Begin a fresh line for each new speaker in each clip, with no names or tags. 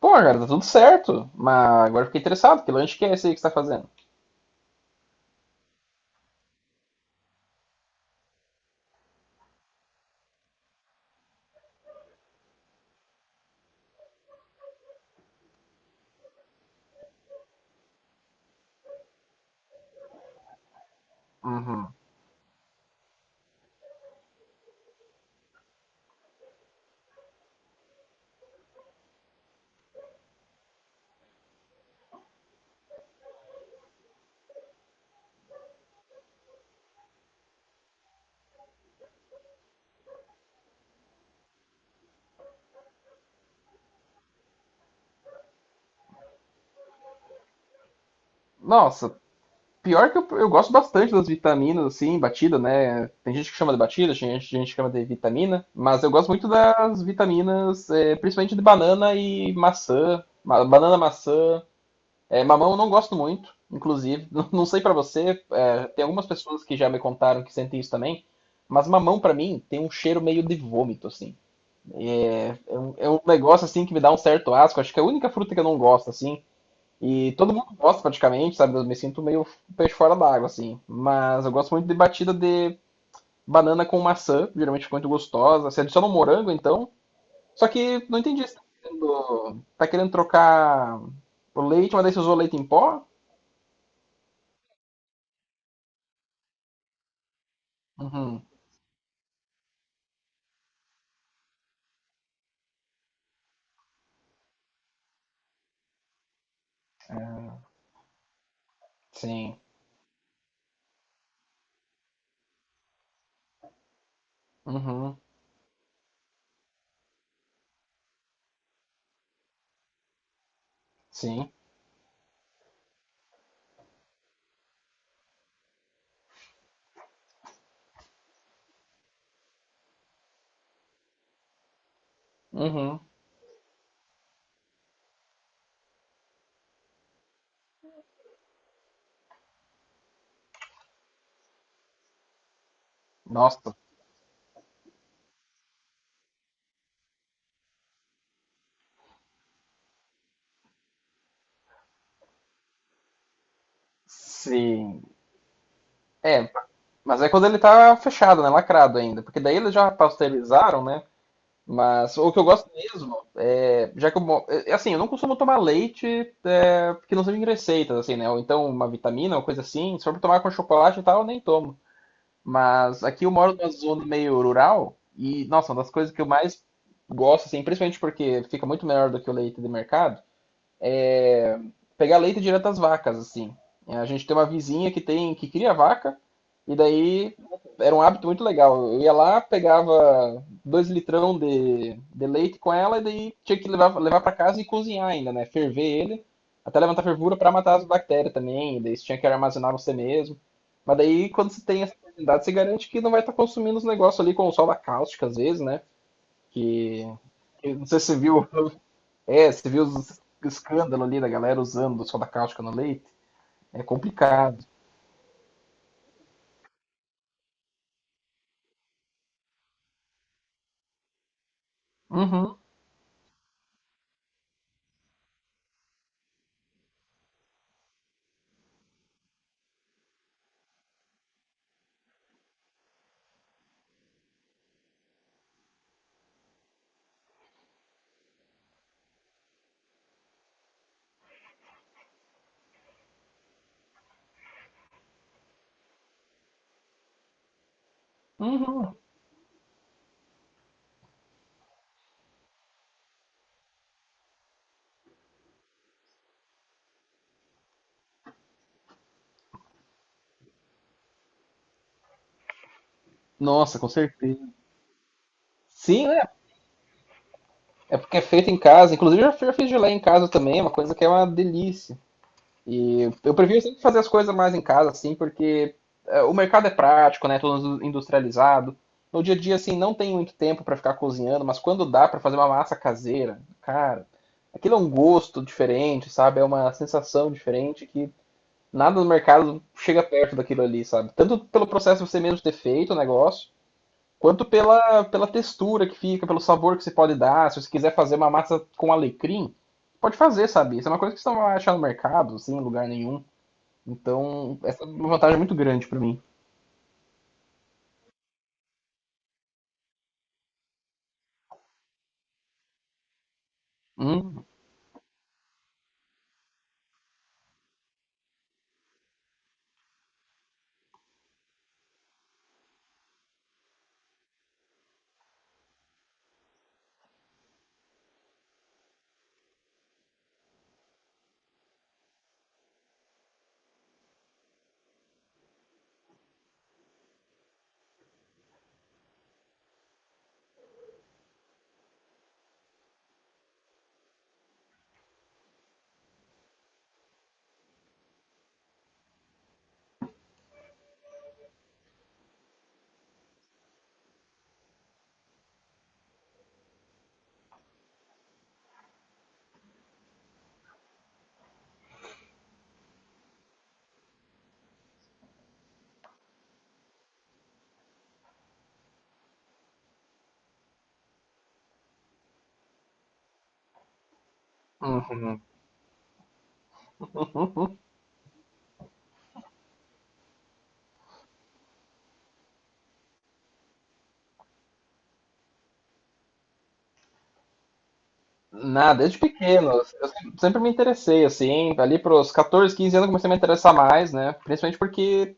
Pô, cara, tá tudo certo. Mas agora eu fiquei interessado. Que lanche que é esse aí que você tá fazendo? Uhum. Nossa, pior que eu gosto bastante das vitaminas, assim, batida, né? Tem gente que chama de batida, tem gente que chama de vitamina. Mas eu gosto muito das vitaminas, é, principalmente de banana e maçã. Banana, maçã. É, mamão eu não gosto muito, inclusive. Não sei pra você, tem algumas pessoas que já me contaram que sentem isso também. Mas mamão pra mim tem um cheiro meio de vômito, assim. É um negócio assim que me dá um certo asco. Acho que é a única fruta que eu não gosto, assim. E todo mundo gosta praticamente, sabe? Eu me sinto meio peixe fora d'água, assim. Mas eu gosto muito de batida de banana com maçã, geralmente fica muito gostosa. Se adiciona um morango, então. Só que não entendi. Você tá querendo trocar o leite, mas daí você usou leite em pó? Uhum. Sim. Uhum. Sim. Uhum. Nossa. Sim. É, Mas é quando ele tá fechado, né? Lacrado ainda. Porque daí eles já pasteurizaram, né? Mas o que eu gosto mesmo é. Já que eu. Mo- é- é Assim, eu não costumo tomar leite, que não seja em receitas, assim, né? Ou então uma vitamina ou coisa assim. Se for pra tomar com chocolate e tal, eu nem tomo. Mas aqui eu moro numa zona meio rural e, nossa, uma das coisas que eu mais gosto, assim, principalmente porque fica muito melhor do que o leite de mercado, é, pegar leite direto das vacas, assim. A gente tem uma vizinha que tem que cria vaca, e daí era um hábito muito legal. Eu ia lá, pegava dois litrão de leite com ela, e daí tinha que levar para casa e cozinhar ainda, né? Ferver ele, até levantar fervura para matar as bactérias também, e daí você tinha que armazenar você mesmo. Mas daí, quando você tem essa oportunidade, você garante que não vai estar consumindo os negócios ali com sola cáustica, às vezes, né? Que. Eu não sei se você viu, você viu os escândalo ali da galera usando soda cáustica no leite? É complicado. Uhum, uhum. Nossa, com certeza. Sim, né? É porque é feito em casa. Inclusive, eu já fiz geleia em casa também, é uma coisa que é uma delícia. E eu prefiro sempre fazer as coisas mais em casa, assim, porque o mercado é prático, né? Tudo industrializado. No dia a dia, assim, não tem muito tempo para ficar cozinhando, mas quando dá para fazer uma massa caseira, cara, aquilo é um gosto diferente, sabe? É uma sensação diferente que nada no mercado chega perto daquilo ali, sabe? Tanto pelo processo de você mesmo ter feito o negócio, quanto pela textura que fica, pelo sabor que você pode dar. Se você quiser fazer uma massa com alecrim, pode fazer, sabe? Isso é uma coisa que você não vai achar no mercado, assim, em lugar nenhum. Então, essa é uma vantagem muito grande pra mim. Hum, hum, hum. Nada, desde pequeno. Eu sempre me interessei, assim. Ali pros 14, 15 anos eu comecei a me interessar mais, né? Principalmente porque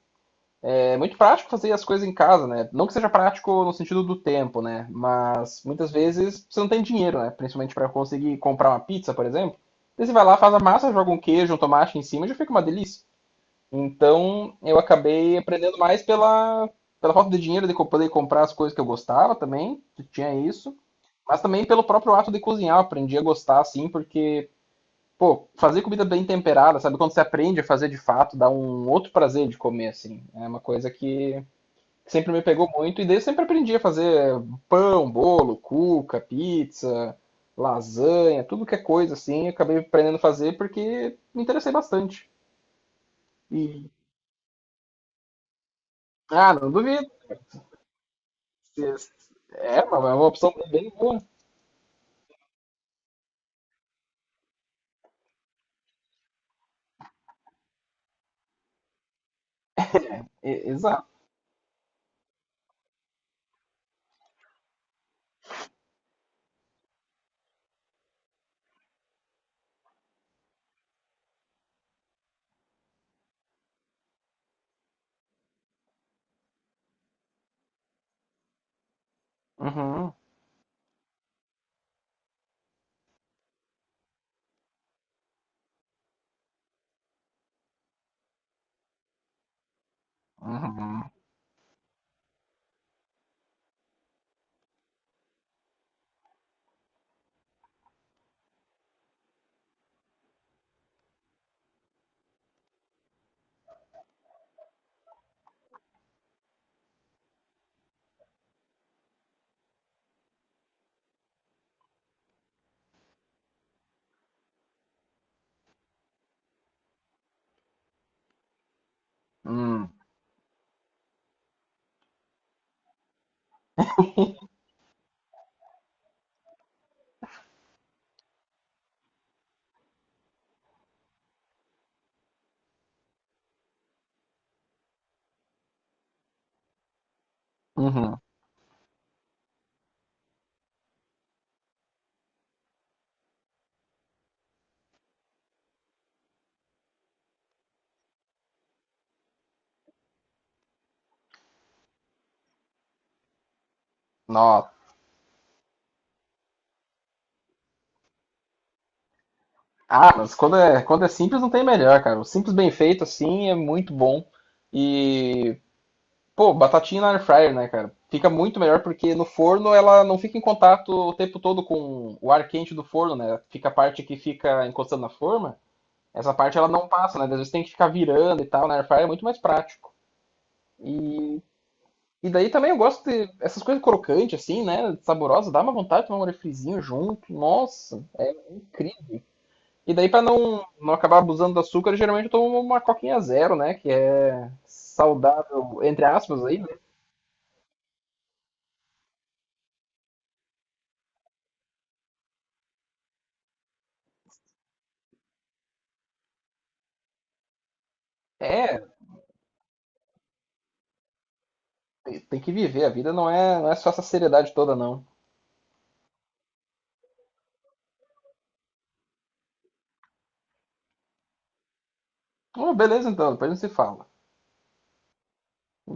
é muito prático fazer as coisas em casa, né? Não que seja prático no sentido do tempo, né? Mas muitas vezes você não tem dinheiro, né? Principalmente para conseguir comprar uma pizza, por exemplo. Daí você vai lá, faz a massa, joga um queijo, um tomate em cima e já fica uma delícia. Então eu acabei aprendendo mais pela falta de dinheiro de poder comprar as coisas que eu gostava também, que tinha isso. Mas também pelo próprio ato de cozinhar, eu aprendi a gostar assim, porque, pô, fazer comida bem temperada, sabe? Quando você aprende a fazer de fato, dá um outro prazer de comer, assim. É uma coisa que sempre me pegou muito, e daí eu sempre aprendi a fazer pão, bolo, cuca, pizza, lasanha, tudo que é coisa assim, eu acabei aprendendo a fazer porque me interessei bastante. E, não duvido. É uma opção bem boa. Exato. Uhum, uhum, uhum, uhum. Nossa. Ah, mas quando é simples não tem melhor, cara. O simples bem feito assim é muito bom. E Pô, batatinha na air fryer, né, cara? Fica muito melhor porque no forno ela não fica em contato o tempo todo com o ar quente do forno, né? Fica a parte que fica encostando na forma, essa parte ela não passa, né? Às vezes tem que ficar virando e tal, na air fryer é muito mais prático. E, e daí também eu gosto de essas coisas crocantes, assim, né? Saborosas, dá uma vontade de tomar um refrizinho junto. Nossa, é incrível. E daí, pra não acabar abusando do açúcar, geralmente eu tomo uma coquinha zero, né? Que é saudável, entre aspas, aí, né? É, Tem que viver, a vida não é só essa seriedade toda, não. Oh, beleza, então, depois a gente se fala.